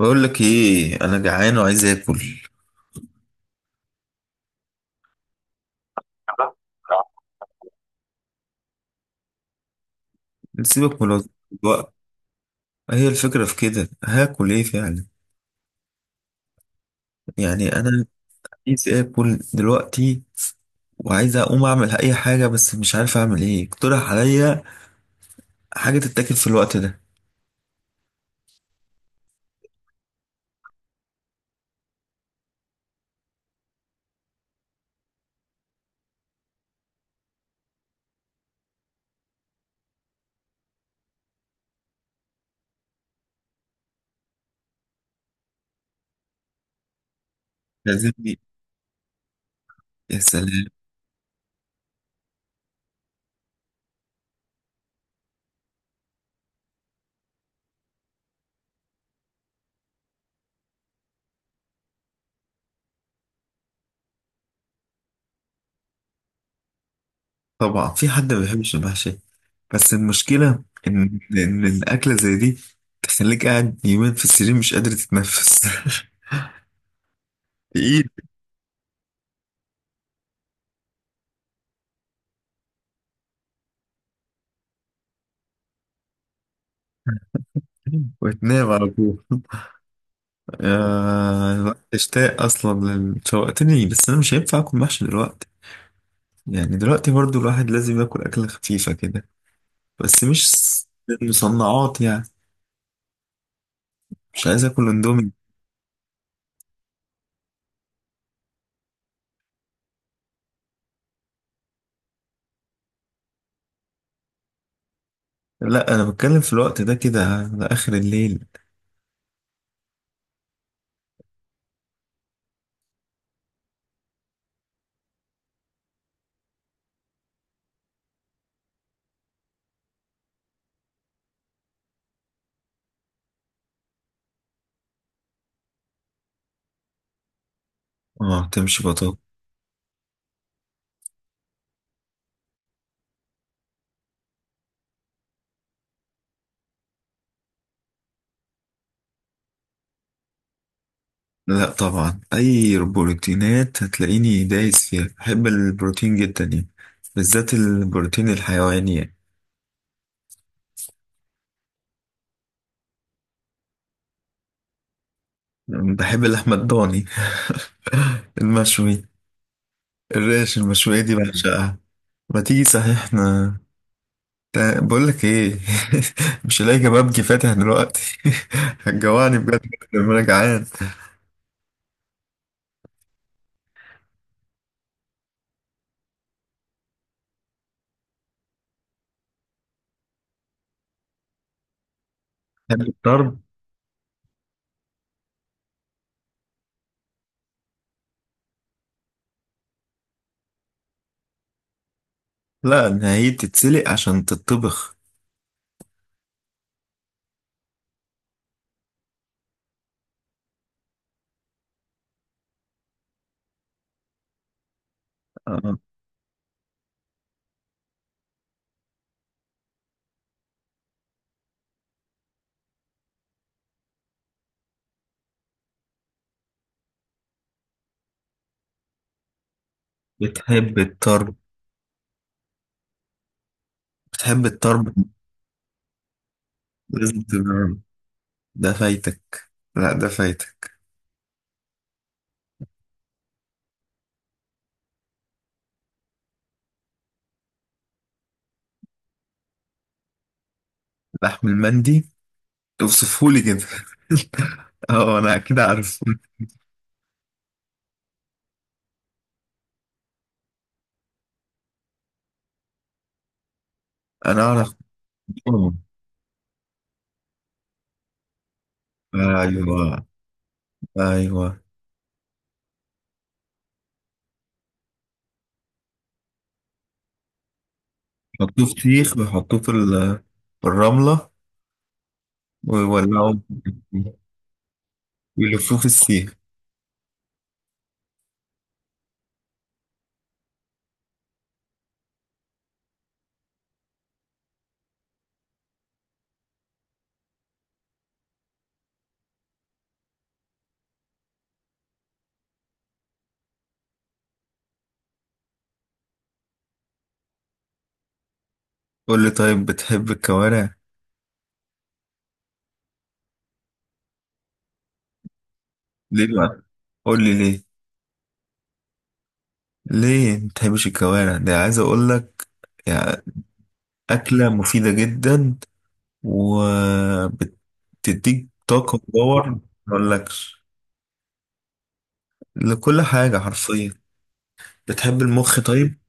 بقول لك ايه، انا جعان وعايز اكل. سيبك من الوقت. هي الفكره في كده، هاكل ايه فعلا؟ يعني انا عايز اكل دلوقتي، وعايز اقوم اعمل اي حاجه بس مش عارف اعمل ايه. اقترح عليا حاجه تتاكل في الوقت ده. لازم لي- يا سلام. طبعا في حد ما بيحبش المحشي؟ بس المشكله ان الاكله زي دي تخليك قاعد يومين في السرير مش قادر تتنفس تقيل. وتنام على طول. آه، اشتاق اصلا شوقتني، بس انا مش هينفع اكل محشي دلوقتي. يعني دلوقتي برضو الواحد لازم ياكل اكله خفيفه كده، بس مش س- مصنعات يعني. مش عايز اكل اندومي. لا انا بتكلم في الوقت ده كده على اخر الليل. اه، تمشي بطاطا. لا طبعا، اي بروتينات هتلاقيني دايس فيها، بحب البروتين جدا يعني، بالذات البروتين الحيواني يعني. بحب اللحمه الضاني المشوي. الريش المشوية دي بعشقها. ما تيجي صحيح احنا. بقول لك ايه مش هلاقي كبابجي فاتح دلوقتي. هتجوعني بجد لما انا جعان. تحب الطرب؟ لا إن هي تتسلق عشان تتطبخ. آه. بتحب الطرب؟ بتحب الطرب؟ لازم تجرب. ده فايتك. لا ده فايتك. لحم المندي، اوصفهولي كده اه انا اكيد عارف. انا اعرف. آه، ايوه. ايوه. يحطوه في سيخ، ويحطوه في الرمله، ويولعوا، ويلفوه في السيخ. قول لي طيب، بتحب الكوارع؟ ليه بقى؟ قول لي ليه. ليه ما بتحبش الكوارع؟ ده عايز اقول لك يعني اكله مفيده جدا، وبتديك طاقه وباور ما اقولكش، لكل حاجة حرفيا. بتحب المخ طيب؟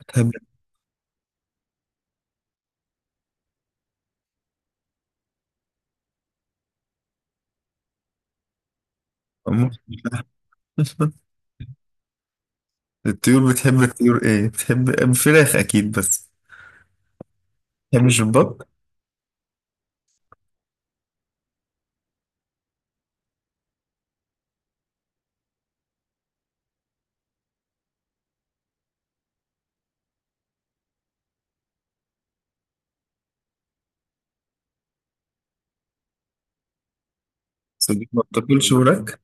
بتحب المخ الطيور، بتحب الطيور ايه؟ بتحب فراخ اكيد، بس بتحبش البط؟ صديق، ما بتاكلش وراك؟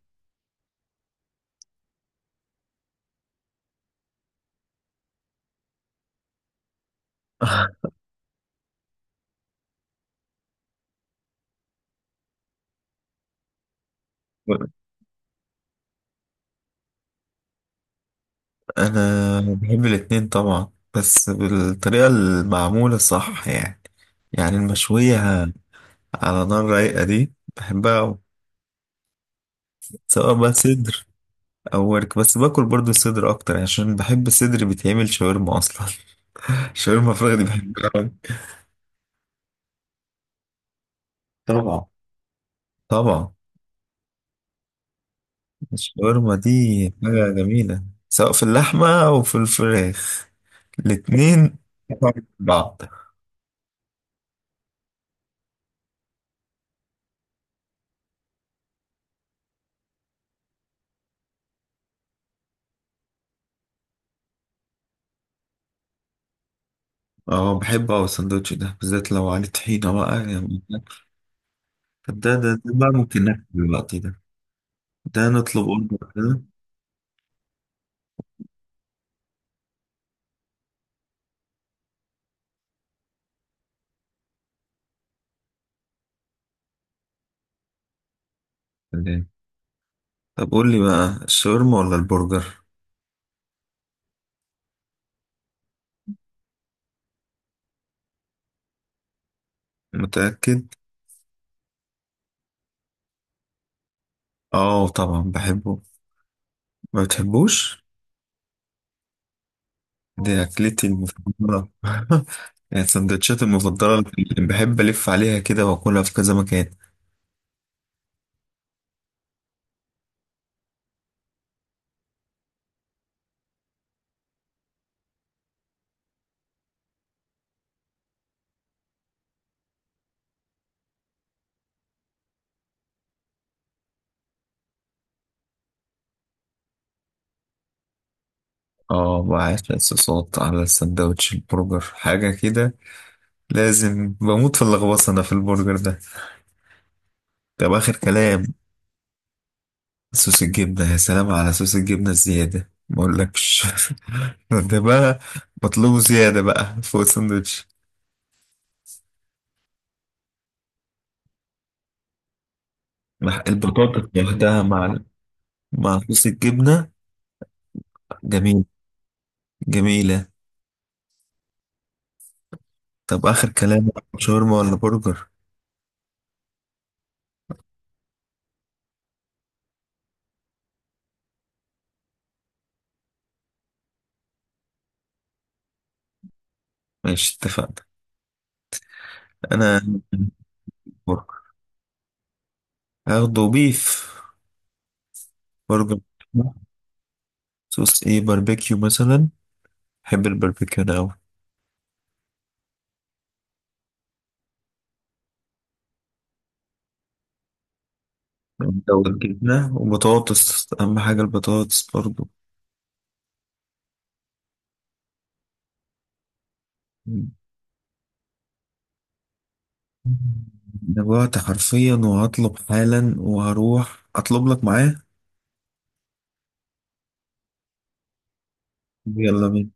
انا بحب الاتنين طبعا، بس بالطريقة المعمولة صح يعني، يعني المشوية على نار رايقة دي بحبها أوي. سواء بقى صدر او ورك، بس باكل برضو صدر اكتر يعني، عشان بحب الصدر بيتعمل شاورما اصلا شاورما فراخ دي بحبها أوي. طبعا، طبعا. الشاورما دي حاجة جميلة، سواء في اللحمة أو في الفراخ، الاتنين طعم بعض. اه بحب أوي السندوتش ده، بالذات لو عليه طحينة بقى يعني. طب ده بقى ممكن ناكل دلوقتي ده، ده نطلب أوردر كده. تمام. طب قول لي بقى، الشاورما ولا البرجر؟ متأكد؟ اه طبعا بحبه، ما بتحبوش؟ دي أكلتي المفضلة يعني السندوتشات المفضلة اللي بحب ألف عليها كده وأكلها في كذا مكان. اه وعيش صوصات على السندوتش البرجر حاجة كده، لازم بموت في اللغوصة أنا في البرجر ده. طب آخر كلام، صوص الجبنة يا سلام، على صوص الجبنة الزيادة ما أقولكش ده بقى مطلوب زيادة بقى فوق السندوتش، مع البطاطا لوحدها، مع مع صوص الجبنة. جميل. جميلة. طب آخر كلام، شاورما ولا برجر؟ ماشي اتفقنا. أنا برجر، هاخده بيف برجر. صوص ايه؟ باربيكيو مثلا، بحب البربكان أوي. لو الجبنة وبطاطس أهم حاجة، البطاطس برضو. أنا جوعت حرفيا، وهطلب حالا، وهروح أطلب لك معاه. يلا بينا.